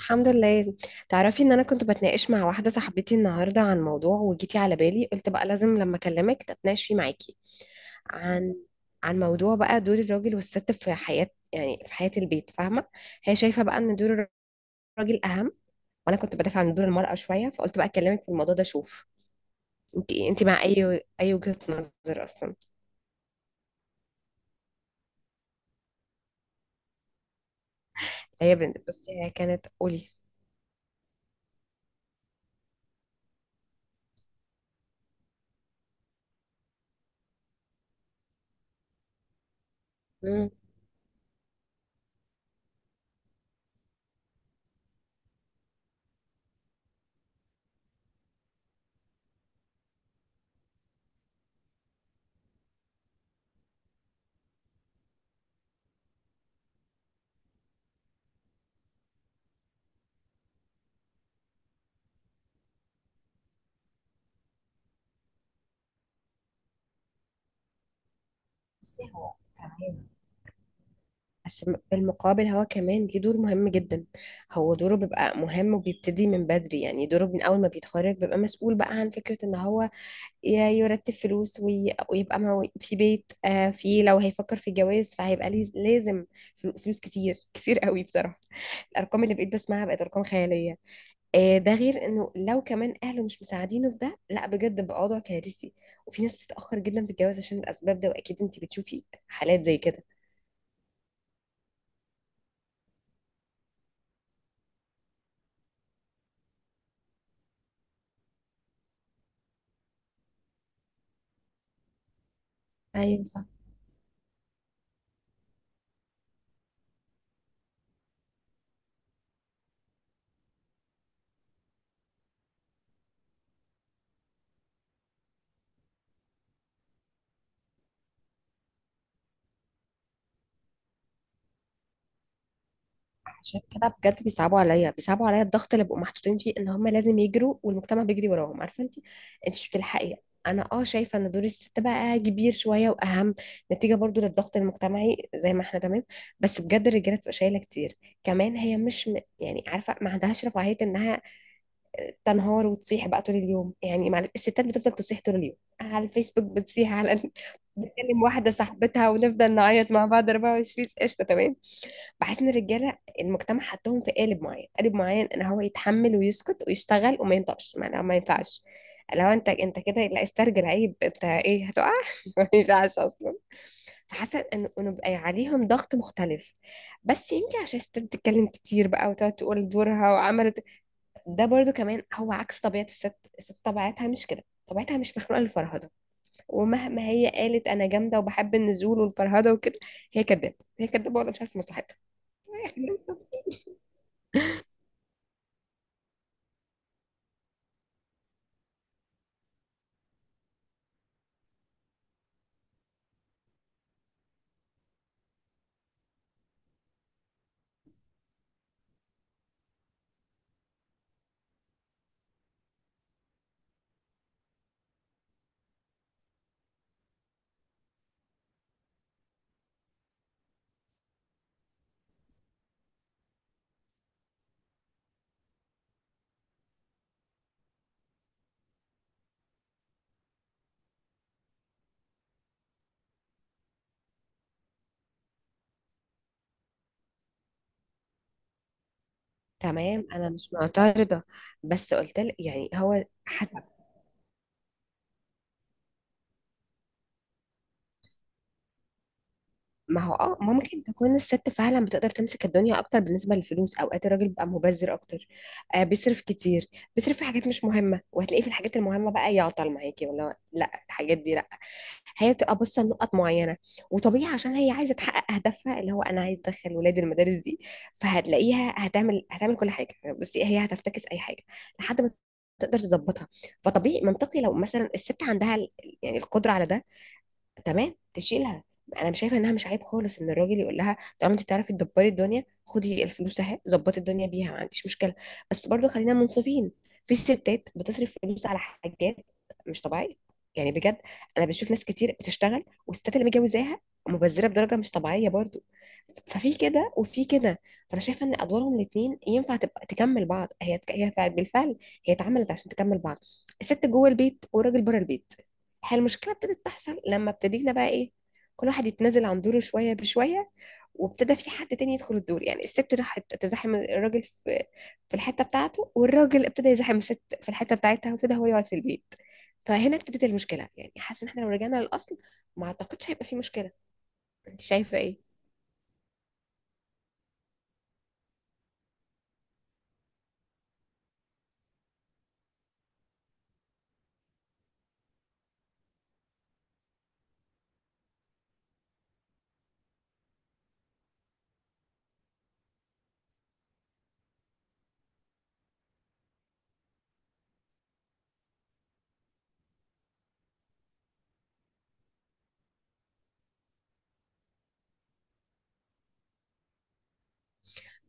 الحمد لله. تعرفي ان انا كنت بتناقش مع واحده صاحبتي النهارده عن موضوع، وجيتي على بالي، قلت بقى لازم لما اكلمك اتناقش فيه معاكي عن عن موضوع بقى دور الراجل والست في حياه، يعني في حياه البيت، فاهمه؟ هي شايفه بقى ان دور الراجل اهم، وانا كنت بدافع عن دور المراه شويه، فقلت بقى اكلمك في الموضوع ده. شوف انت ايه، انت مع اي وجهه نظر اصلا؟ هي بنت، بس هي كانت قولي. مم. بصي، هو تمام، بس بالمقابل هو كمان ليه دور مهم جدا. هو دوره بيبقى مهم وبيبتدي من بدري، يعني دوره من أول ما بيتخرج بيبقى مسؤول بقى عن فكرة إن هو ي- يرتب فلوس ويبقى في بيت، آه، في، لو هيفكر في جواز فهيبقى لازم فلوس كتير كتير قوي بصراحة. الأرقام اللي بقيت بسمعها بقت أرقام خيالية. آه، ده غير إنه لو كمان أهله مش مساعدينه في ده، لا بجد بقى وضع كارثي. وفي ناس بتتأخر جدا في الجواز عشان الأسباب ده، وأكيد أنت بتشوفي حالات زي كده. ايوه. عشان كده بجد بيصعبوا عليا الضغط اللي بيبقوا محطوطين فيه ان هم لازم يجروا والمجتمع بيجري وراهم، عارفه انت، انت مش بتلحقي. انا اه شايفه ان دور الست بقى كبير شويه واهم، نتيجه برضو للضغط المجتمعي، زي ما احنا، تمام. بس بجد الرجاله بتبقى شايله كتير كمان. هي مش م... يعني عارفه، ما عندهاش رفاهيه انها تنهار وتصيح بقى طول اليوم. يعني مع الستات بتفضل تصيح طول اليوم على الفيسبوك، بتصيح على بتكلم واحده صاحبتها ونفضل نعيط مع بعض 24 قشطه، تمام. بحس ان الرجاله المجتمع حطهم في قالب معين، قالب معين، ان هو يتحمل ويسكت ويشتغل وما ينطقش. ما ينفعش لو انت كده. لا، استرجل، عيب، انت ايه، هتقع. ما ينفعش اصلا. فحاسه ان إنه بقى عليهم ضغط مختلف، بس يمكن عشان الست بتتكلم كتير بقى وتقعد تقول دورها وعملت. ده برضو كمان هو عكس طبيعه الست. الست طبيعتها مش كده، طبيعتها مش مخلوقه للفرهده. ومهما هي قالت انا جامده وبحب النزول والفرهده وكده، هي كدابه، هي كدابه، ولا مش عارفه مصلحتها. تمام، انا مش معترضه، بس قلت لك يعني هو حسب. ما هو اه ممكن تكون الست فعلا بتقدر تمسك الدنيا اكتر بالنسبه للفلوس، اوقات الراجل بيبقى مبذر اكتر. آه بيصرف كتير، بيصرف في حاجات مش مهمه، وهتلاقيه في الحاجات المهمه بقى يعطل معاكي ولا لا، الحاجات دي لا. هي تبقى باصه لنقط معينه، وطبيعي عشان هي عايزه تحقق هدفها اللي هو انا عايز ادخل ولادي المدارس دي. فهتلاقيها هتعمل كل حاجه. بصي هي هتفتكس اي حاجه لحد ما تقدر تظبطها. فطبيعي منطقي لو مثلا الست عندها يعني القدره على ده، تمام، تشيلها. انا مش شايفه انها مش عيب خالص ان الراجل يقول لها طالما انت بتعرفي تدبري الدنيا، خدي الفلوس اهي، ظبطي الدنيا بيها، ما عنديش مشكله. بس برضو خلينا منصفين، في ستات بتصرف فلوس على حاجات مش طبيعيه، يعني بجد. انا بشوف ناس كتير بتشتغل والستات اللي متجوزاها مبذره بدرجه مش طبيعيه برضو. ففي كده وفي كده. فانا شايفه ان ادوارهم الاثنين ينفع تبقى تكمل بعض. بالفعل هي اتعملت عشان تكمل بعض. الست جوه البيت والراجل بره البيت. هي المشكله ابتدت تحصل لما ابتدينا بقى ايه، كل واحد يتنازل عن دوره شويه بشويه، وابتدى في حد تاني يدخل الدور. يعني الست راحت تزاحم الراجل في الحته بتاعته، والراجل ابتدى يزاحم الست في الحته بتاعتها، وابتدى هو يقعد في البيت. فهنا ابتدت المشكله. يعني حاسه ان احنا لو رجعنا للاصل ما اعتقدش هيبقى في مشكله. انت شايفه ايه؟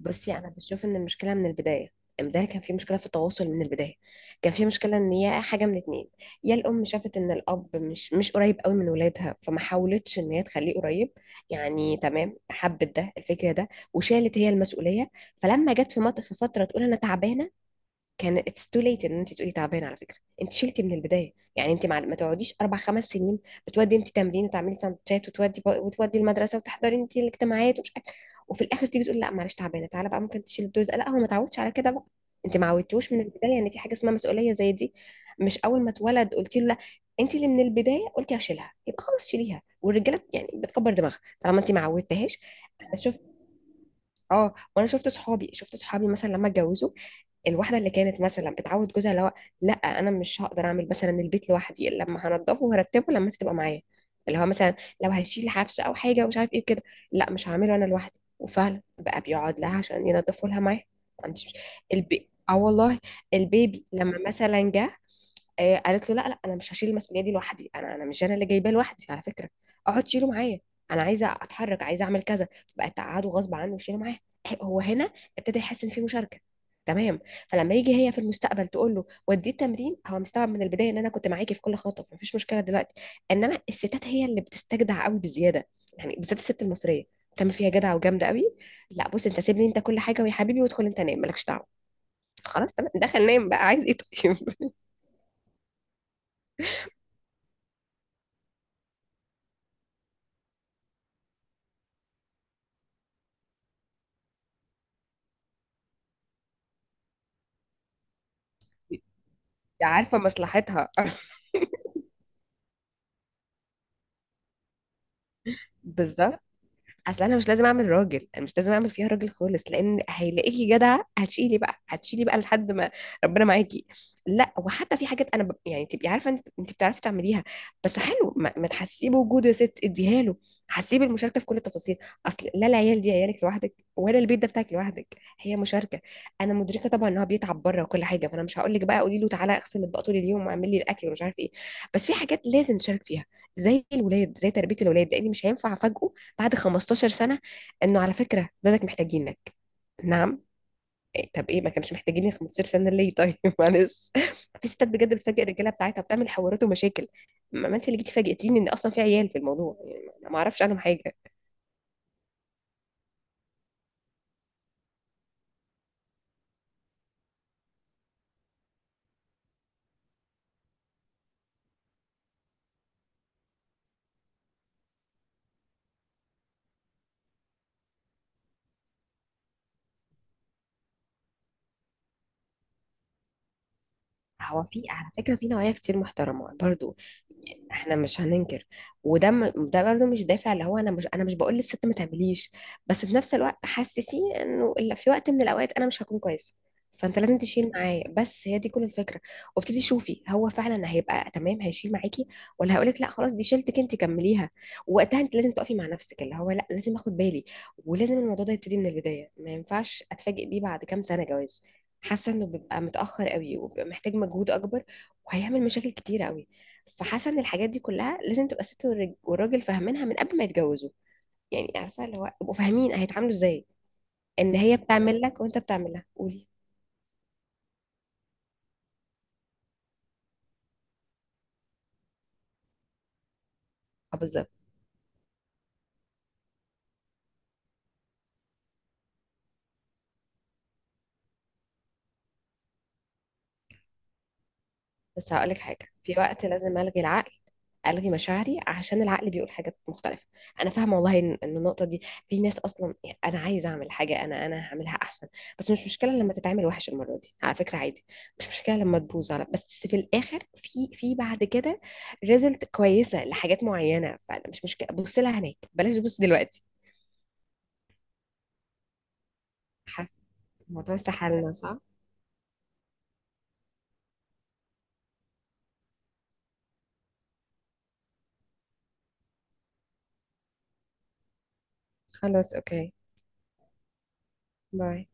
بصي انا بشوف ان المشكله من البدايه. امبارح كان في مشكله في التواصل من البدايه. كان في مشكله ان هي حاجه من اتنين، يا الام شافت ان الاب مش قريب قوي من ولادها، فما حاولتش ان هي تخليه قريب. يعني تمام، حبت ده الفكره ده، وشالت هي المسؤوليه. فلما جت في في فتره تقول انا تعبانه، كان اتس تو ليت ان انت تقولي تعبانه. على فكره انت شلتي من البدايه، يعني انت ما تقعديش اربع خمس سنين بتودي انت تمرين وتعملي سندوتشات وتودي وتودي المدرسه وتحضري انت الاجتماعات ومش وفي الاخر تيجي تقول لا معلش تعبانه، تعالى بقى ممكن تشيل الدور ده. لا هو ما تعودش على كده بقى. انت ما عودتوش من البدايه ان في حاجه اسمها مسؤوليه زي دي. مش اول ما اتولد قلت له لا. انت اللي من البدايه قلتي هشيلها، يبقى خلاص شيليها. والرجاله يعني بتكبر دماغها طالما انت ما عودتهاش. انا شفت، اه وانا شفت صحابي مثلا لما اتجوزوا الواحده اللي كانت مثلا بتعود جوزها، اللي هو لا انا مش هقدر اعمل مثلا البيت لوحدي، لما هنضفه وهرتبه لما انت تبقى معايا. اللي هو مثلا لو هيشيل حفشه او حاجه ومش عارف ايه كده، لا مش هعمله انا لوحدي. وفعلا بقى بيقعد لها عشان ينضفوا لها معاه ما عنديش. اه والله البيبي لما مثلا جه، آه، قالت له لا لا انا مش هشيل المسؤوليه دي لوحدي. انا مش انا اللي جايباه لوحدي على فكره، اقعد شيله معايا، انا عايزه اتحرك، عايزه اعمل كذا. بقت تقعده غصب عنه وشيله معاه، آه، هو هنا ابتدى يحس ان في مشاركه. تمام. فلما يجي هي في المستقبل تقول له وديه التمرين، هو مستوعب من البدايه ان انا كنت معاكي في كل خطوه مفيش مشكله دلوقتي. انما الستات هي اللي بتستجدع قوي بزياده، يعني بالذات الست المصريه، بتعمل فيها جدع وجامده قوي. لا بص انت سيبني انت كل حاجه، ويا حبيبي وادخل انت نام، مالكش دعوه. خلاص تمام، دخل نام بقى، عايز ايه؟ طيب. عارفة مصلحتها. بالضبط. اصل انا مش لازم اعمل راجل، انا مش لازم اعمل فيها راجل خالص، لان هيلاقيكي جدعه هتشيلي بقى هتشيلي بقى لحد ما ربنا معاكي. لا وحتى في حاجات، انا يعني تبقي عارفه انت، انت بتعرفي تعمليها، بس حلو ما تحسيه بوجوده، يا ست اديها له، حسيه بالمشاركه في كل التفاصيل. اصل لا العيال دي عيالك لوحدك، ولا البيت ده بتاعك لوحدك. هي مشاركه. انا مدركه طبعا ان هو بيتعب بره وكل حاجه، فانا مش هقول لك بقى قولي له تعالى اغسل اطباق طول اليوم واعمل لي الاكل ومش عارف ايه. بس في حاجات لازم نشارك فيها، زي الولاد، زي تربيه الولاد. لان مش هينفع افاجئه بعد 15 سنة انه على فكرة ولادك محتاجينك. نعم؟ إيه؟ طب ايه ما كانش محتاجيني 15 سنة ليه؟ طيب. معلش. في ستات بجد بتفاجئ الرجالة بتاعتها وبتعمل حوارات ومشاكل. ما انت اللي جيتي فاجئتيني ان اصلا في عيال في الموضوع، يعني ما اعرفش عنهم حاجة. هو في على فكرة في نوايا كتير محترمة برضو، احنا مش هننكر. وده ده برضو مش دافع، اللي هو انا مش بقول للست ما تعمليش، بس في نفس الوقت حسسيه انه إلا في وقت من الاوقات انا مش هكون كويسة، فانت لازم تشيل معايا. بس هي دي كل الفكرة. وابتدي شوفي هو فعلا هيبقى تمام هيشيل معاكي، ولا هقولك لا خلاص دي شيلتك انت كمليها. ووقتها انت لازم تقفي مع نفسك اللي هو لا لازم اخد بالي، ولازم الموضوع ده يبتدي من البداية. ما ينفعش اتفاجئ بيه بعد كام سنة جواز. حاسه انه بيبقى متاخر قوي وبيبقى محتاج مجهود اكبر، وهيعمل مشاكل كتيره قوي. فحاسه ان الحاجات دي كلها لازم تبقى الست والراجل فاهمينها من قبل ما يتجوزوا. يعني عارفه اللي هو يبقوا فاهمين هيتعاملوا ازاي ان هي بتعمل لك وانت بتعمل لها، قولي. اه بالظبط. بس هقولك حاجة، في وقت لازم ألغي العقل، ألغي مشاعري، عشان العقل بيقول حاجات مختلفة. أنا فاهمة والله إن النقطة دي في ناس أصلا، يعني أنا عايزة أعمل حاجة، أنا هعملها أحسن. بس مش مشكلة لما تتعمل وحش المرة دي على فكرة، عادي. مش مشكلة لما تبوظ على، بس في الآخر في بعد كده ريزلت كويسة لحاجات معينة، فأنا مش مشكلة، بص لها هناك بلاش تبص دلوقتي. حاسة الموضوع سحلنا، صح؟ خلاص أوكي. باي.